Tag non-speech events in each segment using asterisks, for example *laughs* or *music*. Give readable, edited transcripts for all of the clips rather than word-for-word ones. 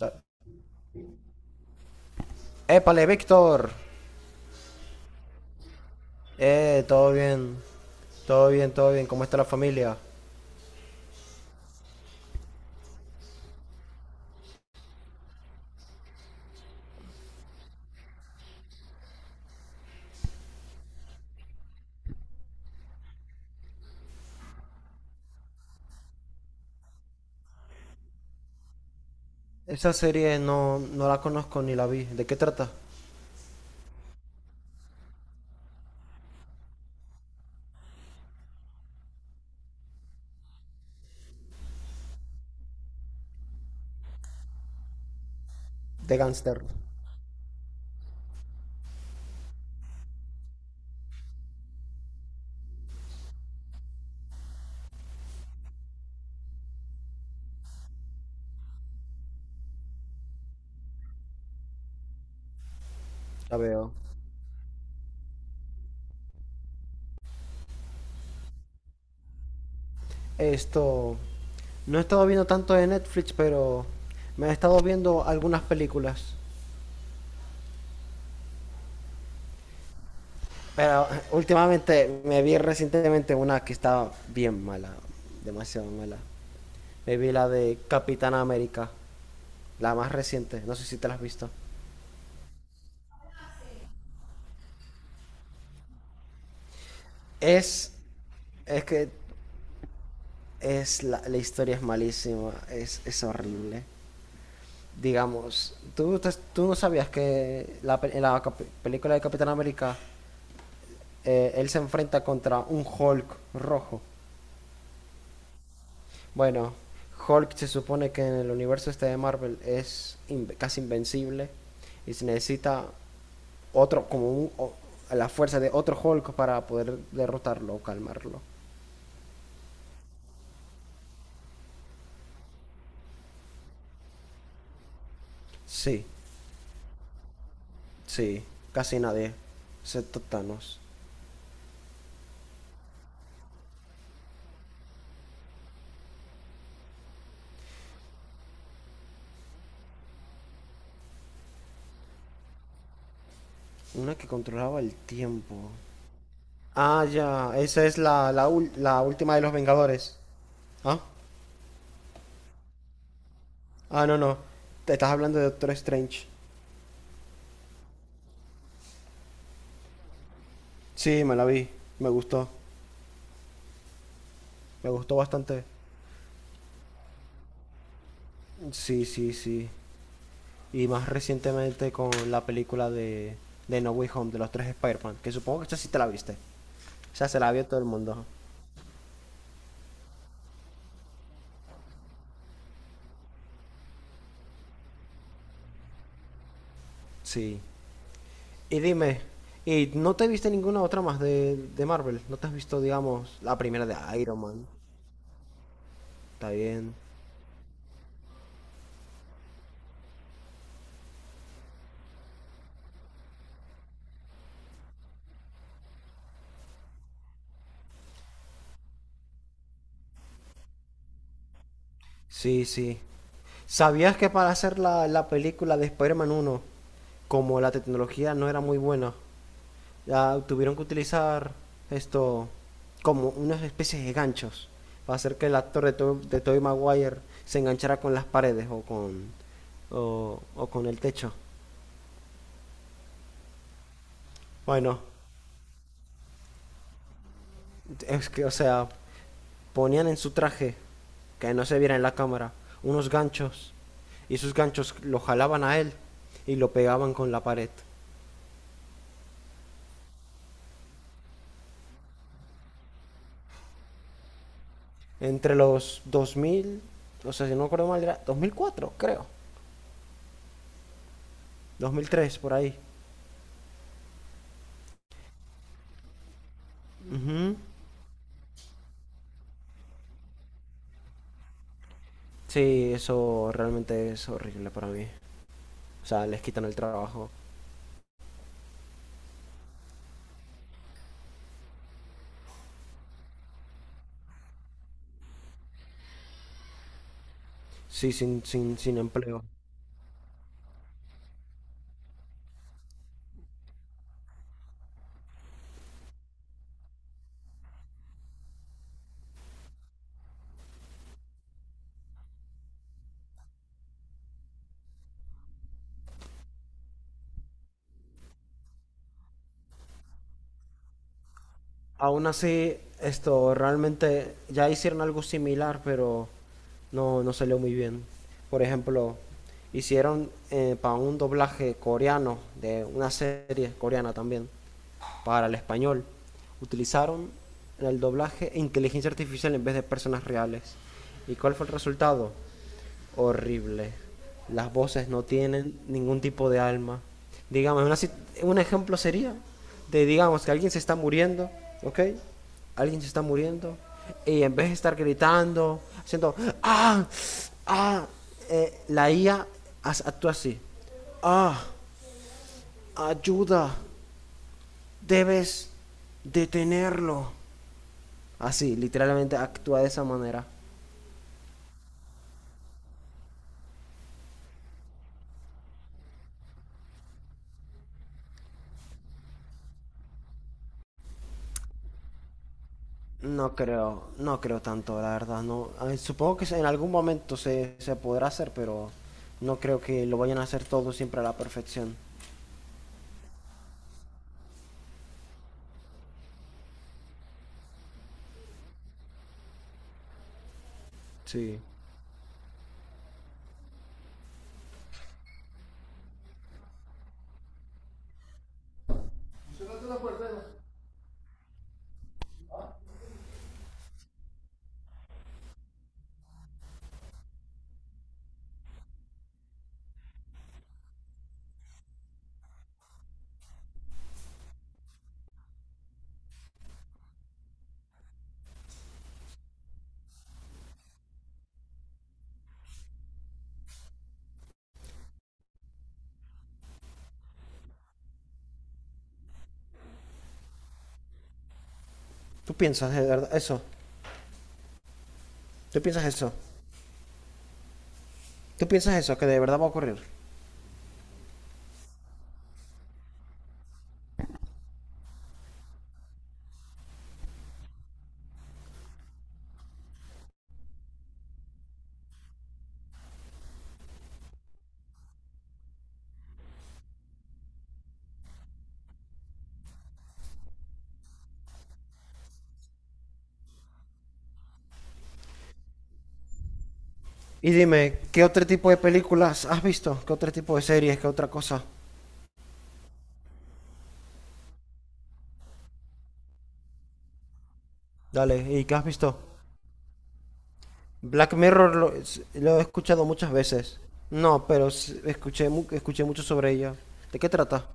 Eh, Épale, Víctor. Todo bien. Todo bien, todo bien. ¿Cómo está la familia? Esa serie no, no la conozco ni la vi. ¿De qué trata? De Gangster. La veo. Esto. No he estado viendo tanto de Netflix, pero me he estado viendo algunas películas. Pero *laughs* últimamente me vi recientemente una que estaba bien mala. Demasiado mala. Me vi la de Capitán América. La más reciente. No sé si te la has visto. Es Es que es la historia es malísima, es horrible. Digamos, ¿tú, tú no sabías que en la película de Capitán América él se enfrenta contra un Hulk rojo? Bueno, Hulk se supone que en el universo este de Marvel es casi invencible y se necesita otro, como un- o- la fuerza de otro Hulk para poder derrotarlo o calmarlo. Sí, sí, casi nadie, excepto Thanos. Una que controlaba el tiempo. Ah, ya. Esa es la última de los Vengadores. ¿Ah? Ah, no, no. Te estás hablando de Doctor Strange. Sí, me la vi. Me gustó. Me gustó bastante. Sí, sí, sí. Y más recientemente con la película de No Way Home, de los tres Spider-Man. Que supongo que esta sí te la viste. O sea, se la vio todo el mundo. Sí. Y dime, ¿y no te viste ninguna otra más de Marvel? ¿No te has visto, digamos, la primera de Iron Man? Está bien. Sí, sí. ¿Sabías que para hacer la película de Spider-Man 1, como la tecnología no era muy buena, ya tuvieron que utilizar esto como unas especies de ganchos para hacer que el actor de Tobey Maguire se enganchara con las paredes o con el techo? Bueno, es que, o sea, ponían en su traje, que no se viera en la cámara, unos ganchos y esos ganchos lo jalaban a él y lo pegaban con la pared. Entre los 2000, o sea, si no recuerdo mal, era 2004, creo. 2003, por ahí. Ujú. Sí, eso realmente es horrible para mí. O sea, les quitan el trabajo. Sí, sin empleo. Aún así, esto realmente ya hicieron algo similar, pero no, no salió muy bien. Por ejemplo, hicieron para un doblaje coreano de una serie coreana también, para el español. Utilizaron en el doblaje inteligencia artificial en vez de personas reales. ¿Y cuál fue el resultado? Horrible. Las voces no tienen ningún tipo de alma. Digamos, una un ejemplo sería de, digamos, que alguien se está muriendo, ¿ok? Alguien se está muriendo y en vez de estar gritando, haciendo, ah, ah, la IA actúa así. Ah, ayuda, debes detenerlo. Así, literalmente actúa de esa manera. No creo, no creo tanto, la verdad. No, ay, supongo que en algún momento se podrá hacer, pero no creo que lo vayan a hacer todo siempre a la perfección. Sí. ¿Tú piensas de verdad eso? ¿Tú piensas eso? ¿Tú piensas eso? Que de verdad va a ocurrir. Y dime, ¿qué otro tipo de películas has visto? ¿Qué otro tipo de series? ¿Qué otra cosa? Dale, ¿y qué has visto? Black Mirror lo he escuchado muchas veces. No, pero escuché, escuché mucho sobre ella. ¿De qué trata?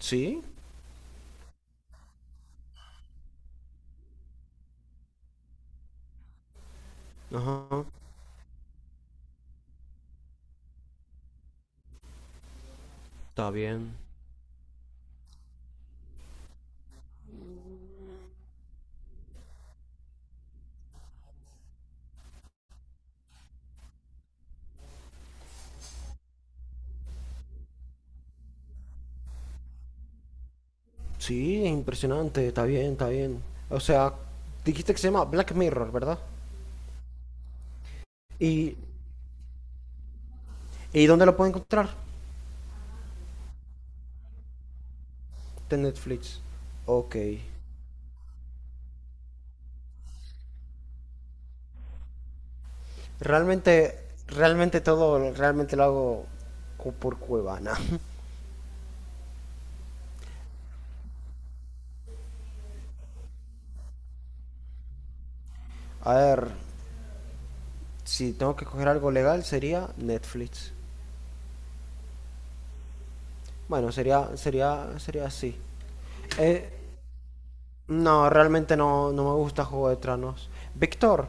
¿Sí? Ajá. Está bien. Sí, es impresionante, está bien, está bien. O sea, dijiste que se llama Black Mirror, ¿verdad? ¿Y, y dónde lo puedo encontrar? De Netflix. Ok. Realmente todo, realmente lo hago por Cuevana. *laughs* A ver, si tengo que coger algo legal sería Netflix. Bueno, sería así. Eh, No, realmente no, no me gusta Juego de Tronos. Víctor,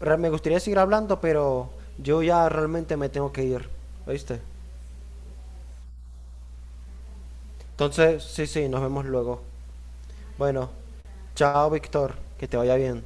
me gustaría seguir hablando, pero yo ya realmente me tengo que ir, ¿oíste? Entonces, sí, sí, nos vemos luego. Bueno, chao, Víctor, que te vaya bien.